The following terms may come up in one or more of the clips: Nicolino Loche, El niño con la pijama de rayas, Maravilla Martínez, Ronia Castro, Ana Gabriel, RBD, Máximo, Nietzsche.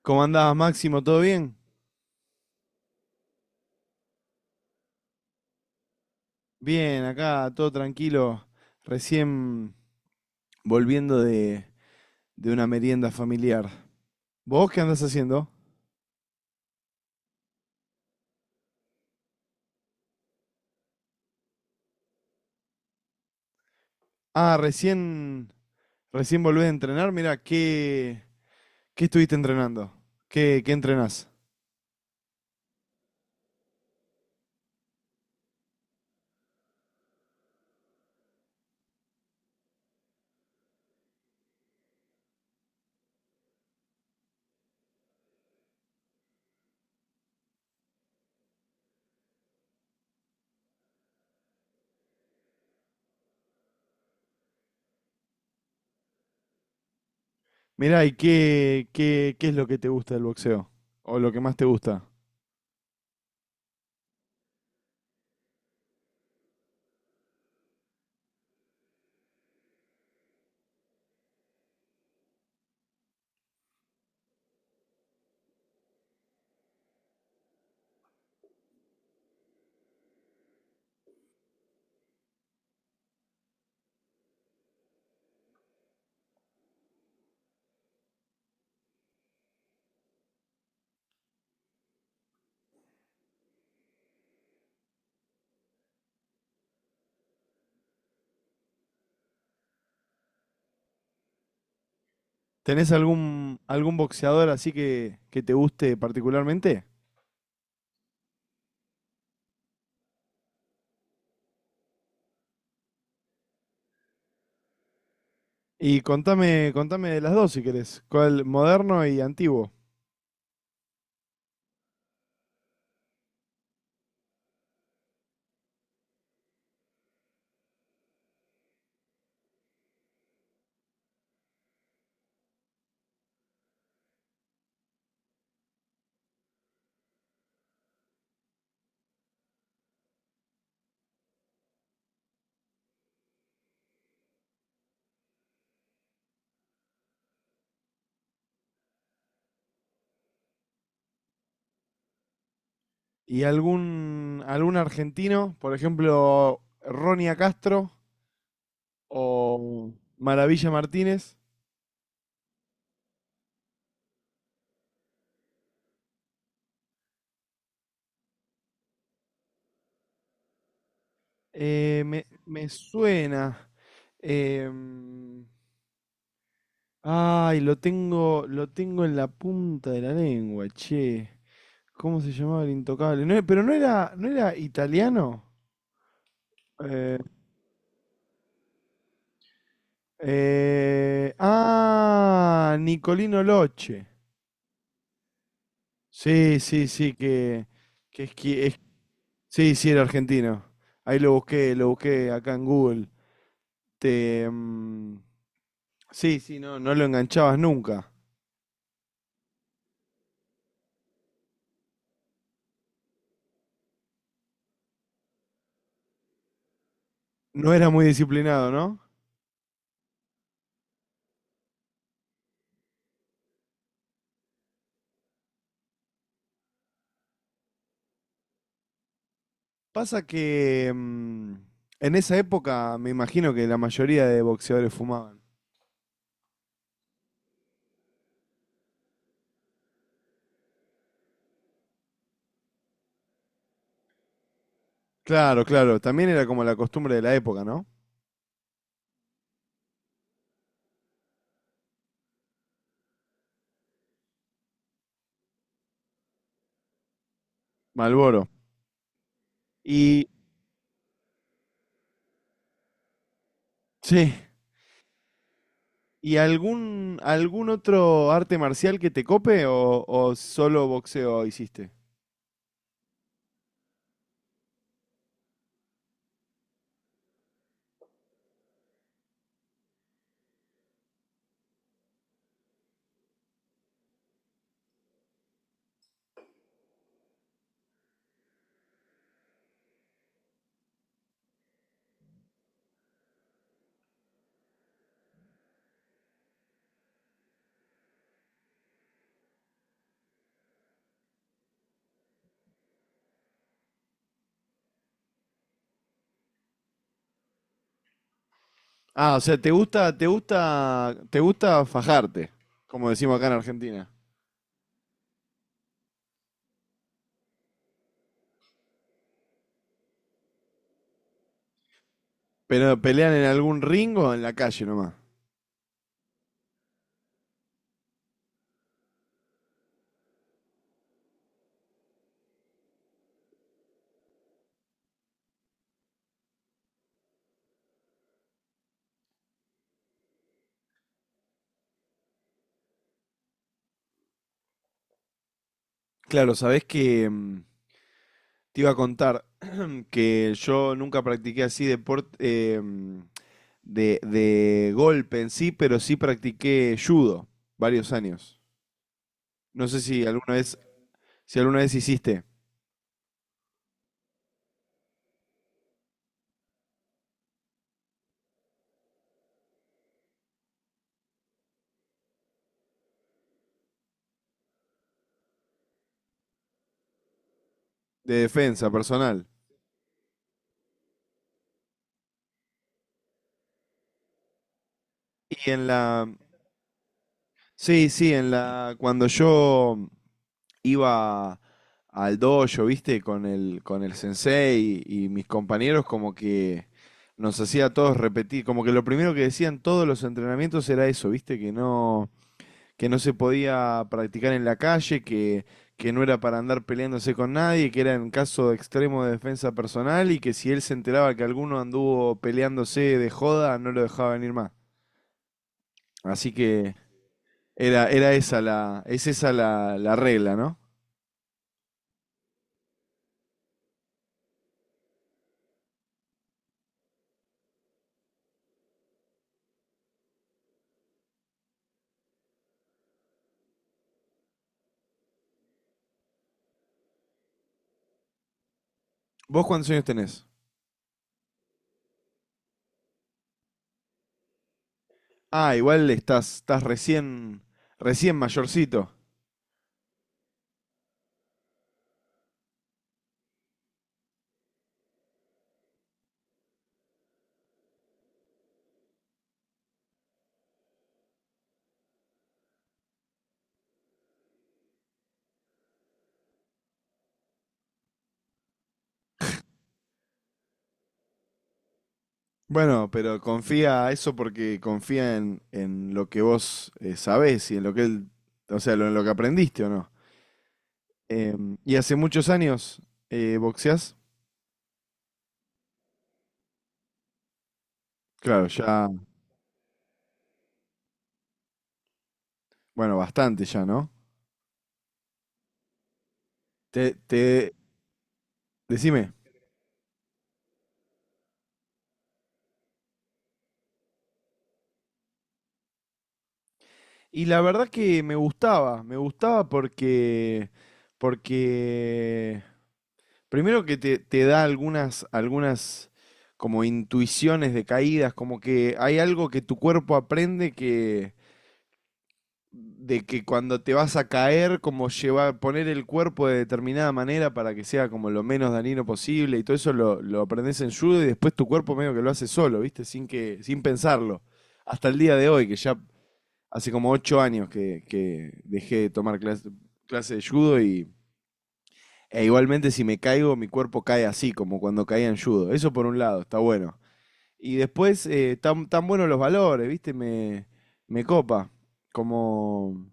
¿Cómo andás, Máximo? ¿Todo bien? Bien, acá todo tranquilo. Recién volviendo de una merienda familiar. ¿Vos qué andás haciendo? Ah, recién volvés a entrenar. Mirá, ¿qué estuviste entrenando? ¿Qué entrenás? Mirá, ¿y ¿qué es lo que te gusta del boxeo? ¿O lo que más te gusta? ¿Tenés algún boxeador así que te guste particularmente? Y contame de las dos si querés. ¿Cuál, moderno y antiguo? ¿Y algún argentino? Por ejemplo, Ronia Castro o Maravilla Martínez. Me suena. em, Ay, lo tengo en la punta de la lengua, che. ¿Cómo se llamaba el intocable? No, pero no era italiano. Eh, Nicolino Loche. Sí, sí, sí, que esqui- sí, sí, era argentino. Ahí lo busqué acá en Google. Te, mm, sí, sí, no, no lo enganchabas nunca. No era muy disciplinado, ¿no? Pasa que en esa época me imagino que la mayoría de boxeadores fumaban. Claro, claro, también era como la costumbre de la época, ¿no? Malboro. Y, sí, ¿y algún otro arte marcial que te cope o solo boxeo hiciste? Ah, o sea, te gusta fajarte, como decimos acá en Argentina. Pero pelean en algún ring o en la calle nomás. Claro, sabés que te iba a contar que yo nunca practiqué así deporte de golpe en sí, pero sí practiqué judo varios años. No sé si alguna vez, si alguna vez hiciste de defensa personal. Y en la, sí, sí, cuando yo iba al dojo, ¿viste? Con con el sensei y mis compañeros como que nos hacía a todos repetir, como que lo primero que decían todos los entrenamientos era eso, ¿viste? Que no se podía practicar en la calle, que no era para andar peleándose con nadie, que era en caso extremo de defensa personal y que si él se enteraba que alguno anduvo peleándose de joda, no lo dejaba venir más. Así que es esa la, la regla, ¿no? ¿Vos cuántos años tenés? Ah, igual estás, recién mayorcito. Bueno, pero confía eso porque confía en lo que vos sabés y en lo que él, o sea, lo, en lo que aprendiste o no. ¿Y hace muchos años boxeás? Claro, ya, bueno, bastante ya, ¿no? Te, te, decime. Y la verdad que me gustaba porque primero que te da algunas como intuiciones de caídas, como que hay algo que tu cuerpo aprende que de que cuando te vas a caer, como llevar, poner el cuerpo de determinada manera para que sea como lo menos dañino posible y todo eso lo aprendes en judo y después tu cuerpo medio que lo hace solo, ¿viste? Sin sin pensarlo. Hasta el día de hoy, que ya hace como ocho años que dejé de tomar clase, clase de judo y, e igualmente si me caigo, mi cuerpo cae así, como cuando caía en judo. Eso por un lado, está bueno. Y después, tan, tan buenos los valores, ¿viste? Me copa. Como,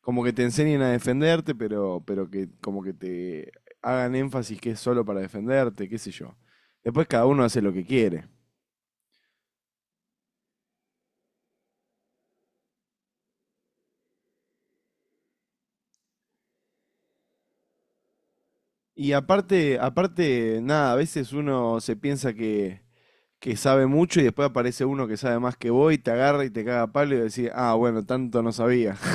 como que te enseñen a defenderte, pero que como que te hagan énfasis que es solo para defenderte, qué sé yo. Después cada uno hace lo que quiere. Y aparte, aparte, nada, a veces uno se piensa que sabe mucho y después aparece uno que sabe más que vos y te agarra y te caga a palo y decís, ah, bueno, tanto no sabía.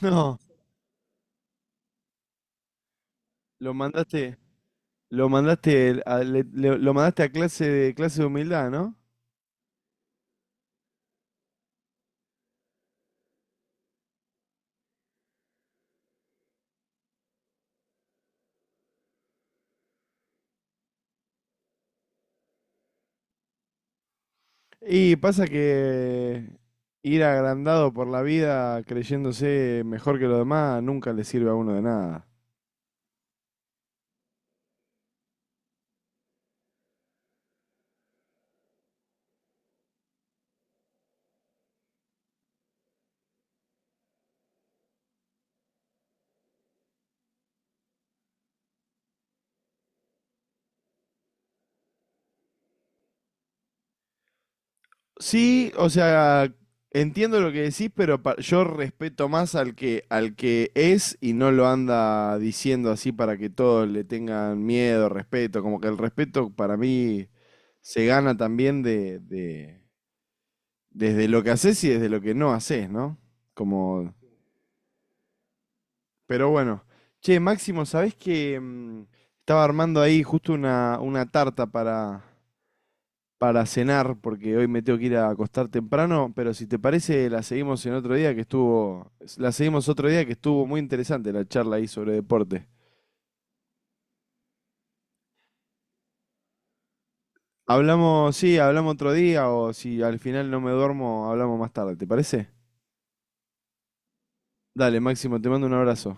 No, lo mandaste, lo mandaste a, lo mandaste a clase de humildad, ¿no? Y pasa que ir agrandado por la vida creyéndose mejor que los demás nunca le sirve a uno de nada. Sí, o sea, entiendo lo que decís, pero yo respeto más al al que es y no lo anda diciendo así para que todos le tengan miedo, respeto. Como que el respeto para mí se gana también desde lo que haces y desde lo que no haces, ¿no? Como, pero bueno. Che, Máximo, ¿sabés que estaba armando ahí justo una tarta para cenar, porque hoy me tengo que ir a acostar temprano, pero si te parece, la seguimos otro día que estuvo muy interesante la charla ahí sobre deporte. Hablamos, sí, hablamos otro día, o si al final no me duermo, hablamos más tarde, ¿te parece? Dale, Máximo, te mando un abrazo.